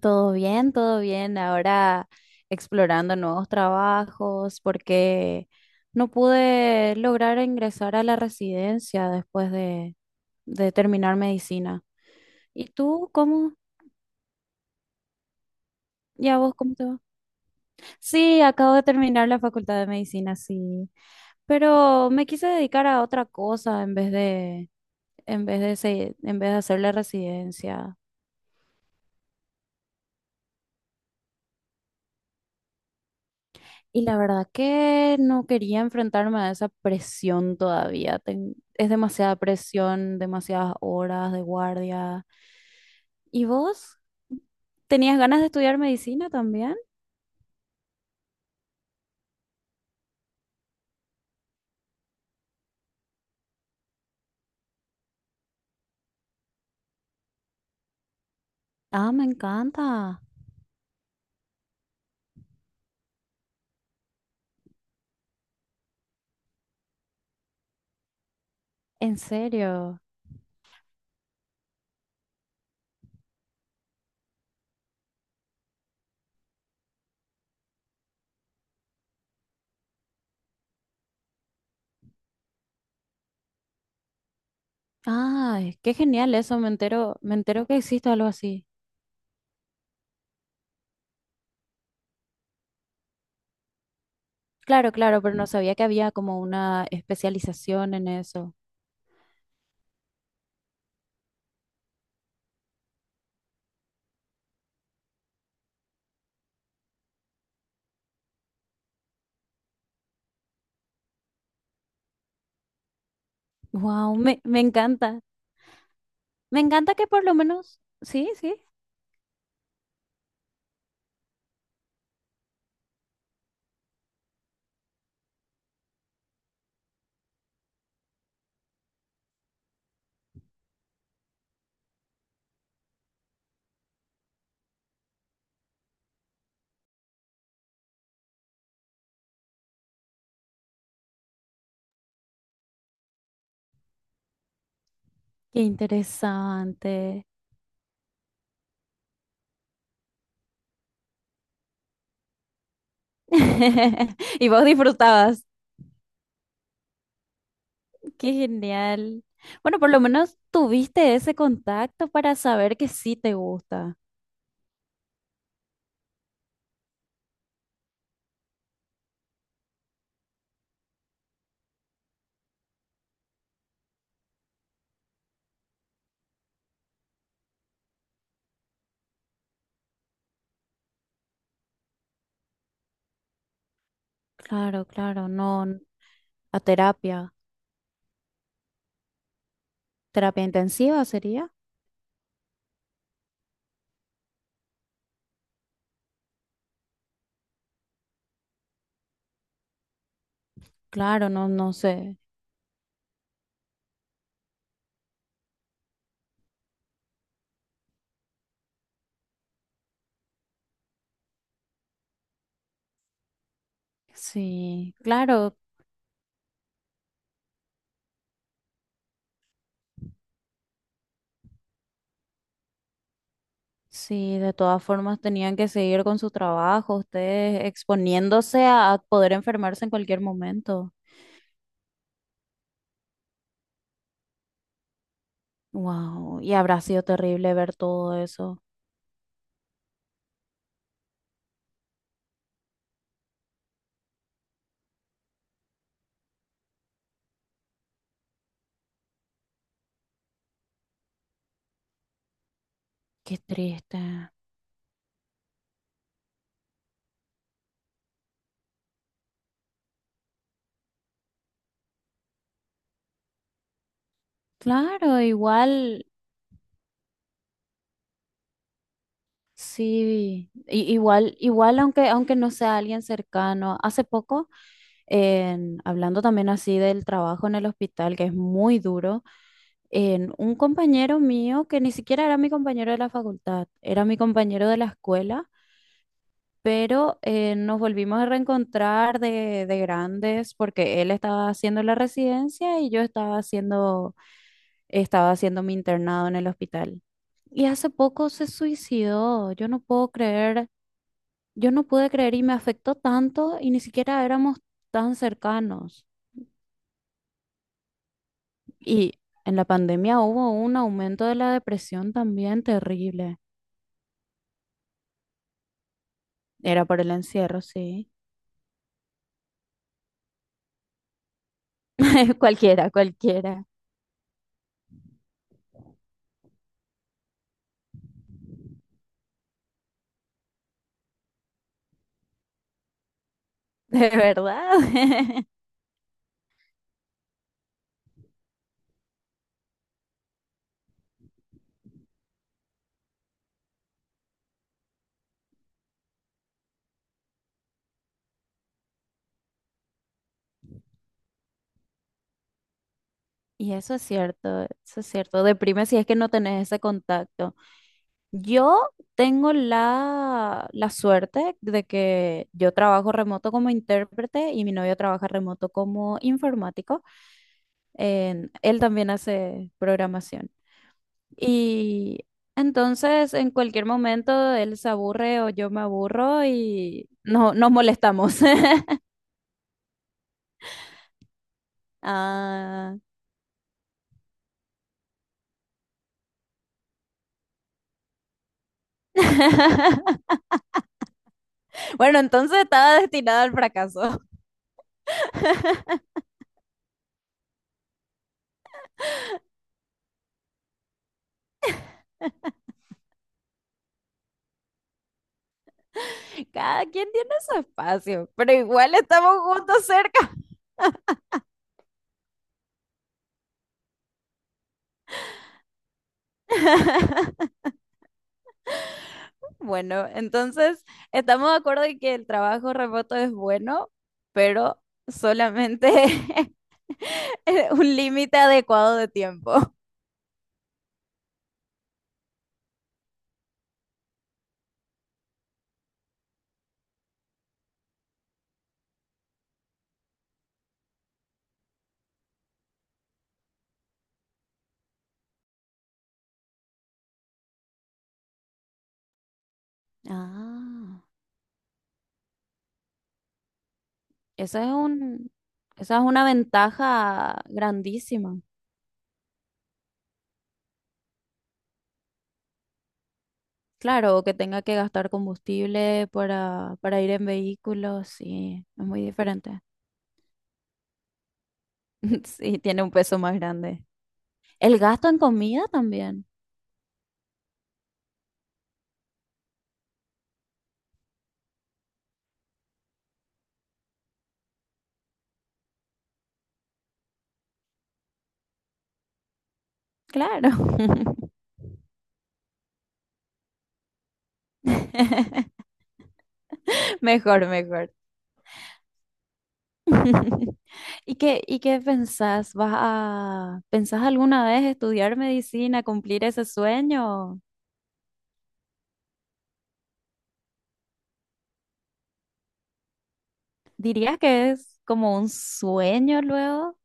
Todo bien, todo bien. Ahora explorando nuevos trabajos porque no pude lograr ingresar a la residencia después de terminar medicina. ¿Y tú cómo? ¿Y a vos cómo te va? Sí, acabo de terminar la facultad de medicina, sí. Pero me quise dedicar a otra cosa en vez de, se- en vez de hacer la residencia. Y la verdad que no quería enfrentarme a esa presión todavía. Es demasiada presión, demasiadas horas de guardia. ¿Y vos? ¿Tenías ganas de estudiar medicina también? Ah, me encanta. En serio. Ay, qué genial eso. Me entero que existe algo así. Claro, claro, pero no sabía que había como una especialización en eso. Wow, me encanta. Me encanta que por lo menos. Sí, sí. Qué interesante. Y vos disfrutabas. Qué genial. Bueno, por lo menos tuviste ese contacto para saber que sí te gusta. Claro, claro, no n- a terapia. ¿Terapia intensiva sería? Claro, no, no sé. Sí, claro, sí, de todas formas tenían que seguir con su trabajo, ustedes exponiéndose a poder enfermarse en cualquier momento. Wow, y habrá sido terrible ver todo eso. Qué triste. Claro, igual. Sí, igual, igual aunque, aunque no sea alguien cercano. Hace poco, hablando también así del trabajo en el hospital, que es muy duro, en un compañero mío, que ni siquiera era mi compañero de la facultad, era mi compañero de la escuela, pero nos volvimos a reencontrar de grandes porque él estaba haciendo la residencia y yo estaba haciendo mi internado en el hospital. Y hace poco se suicidó, yo no puedo creer, yo no pude creer y me afectó tanto y ni siquiera éramos tan cercanos. Y en la pandemia hubo un aumento de la depresión también terrible. Era por el encierro, sí. Cualquiera, cualquiera. De verdad. Y eso es cierto, eso es cierto. Deprime si es que no tenés ese contacto. Yo tengo la suerte de que yo trabajo remoto como intérprete y mi novio trabaja remoto como informático. Él también hace programación. Y entonces en cualquier momento él se aburre o yo me aburro y no, nos molestamos. Ah. Bueno, entonces estaba destinado al fracaso. Cada quien tiene su espacio, pero igual estamos juntos cerca. Bueno, entonces estamos de acuerdo en que el trabajo remoto es bueno, pero solamente un límite adecuado de tiempo. Ah, esa es un, esa es una ventaja grandísima. Claro, o que tenga que gastar combustible para ir en vehículos, sí, es muy diferente. Sí, tiene un peso más grande. El gasto en comida también, claro. Mejor, mejor. ¿Y qué pensás? ¿Pensás alguna vez estudiar medicina, cumplir ese sueño? ¿Dirías que es como un sueño luego?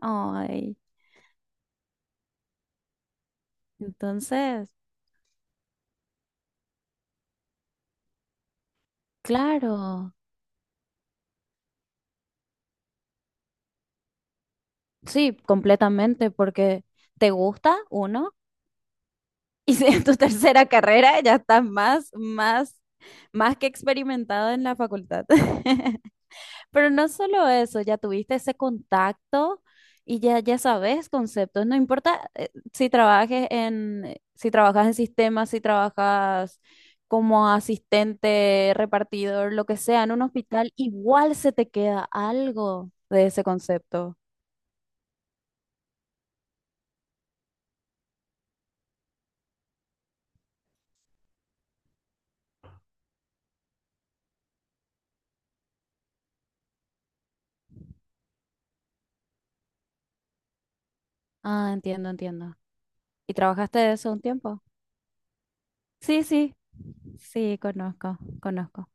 Ay, entonces, claro. Sí, completamente, porque te gusta uno y si en tu tercera carrera ya estás más que experimentado en la facultad. Pero no solo eso, ya tuviste ese contacto y ya sabes conceptos. No importa si trabajas en sistemas, si trabajas como asistente, repartidor, lo que sea, en un hospital, igual se te queda algo de ese concepto. Ah, entiendo, entiendo. ¿Y trabajaste de eso un tiempo? Sí, sí, sí, conozco, conozco.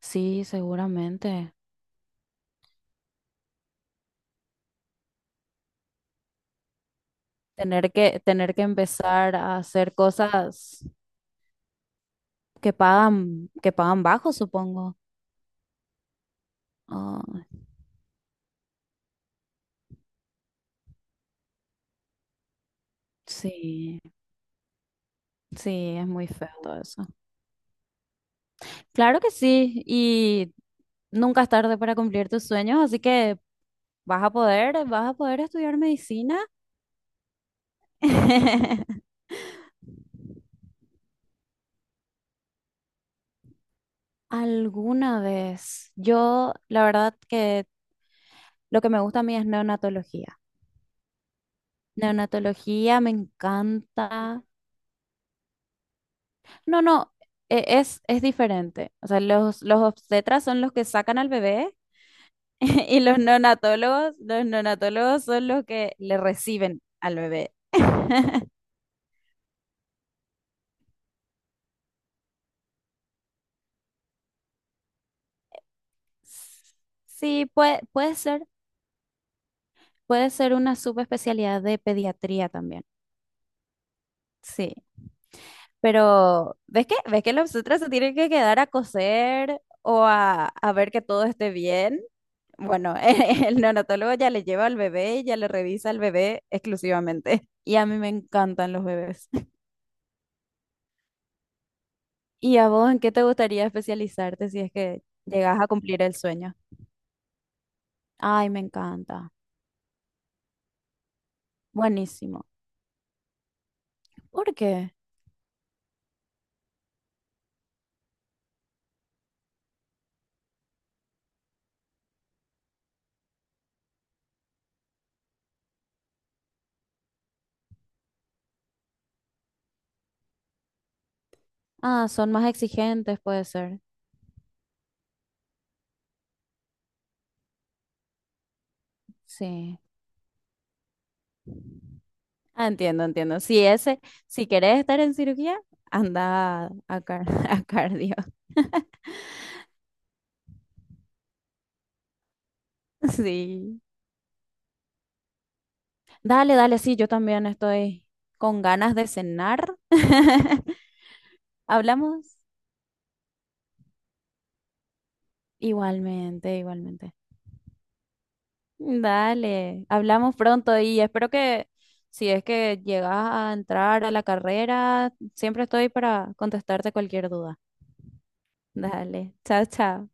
Sí, seguramente. Tener que empezar a hacer cosas que pagan bajo, supongo. Ah, sí, sí, es muy feo todo eso. Claro que sí, y nunca es tarde para cumplir tus sueños, así que vas a poder estudiar medicina. Alguna vez, yo la verdad que lo que me gusta a mí es neonatología. Neonatología me encanta. No, no, es diferente. O sea, los obstetras son los que sacan al bebé y los neonatólogos son los que le reciben al bebé. Sí, puede, puede ser una subespecialidad de pediatría también. Sí, pero ves que los obstetras se tienen que quedar a coser o a ver que todo esté bien? Bueno, el neonatólogo ya le lleva al bebé y ya le revisa al bebé exclusivamente. Y a mí me encantan los bebés. ¿Y a vos en qué te gustaría especializarte si es que llegas a cumplir el sueño? Ay, me encanta. Buenísimo. ¿Por qué? Ah, son más exigentes, puede ser. Sí. Ah, entiendo, entiendo. Si ese, si querés estar en cirugía, anda a, a cardio. Sí. Dale, dale, sí, yo también estoy con ganas de cenar. ¿Hablamos? Igualmente, igualmente. Dale, hablamos pronto y espero que si es que llegas a entrar a la carrera, siempre estoy para contestarte cualquier duda. Dale, chao, chao.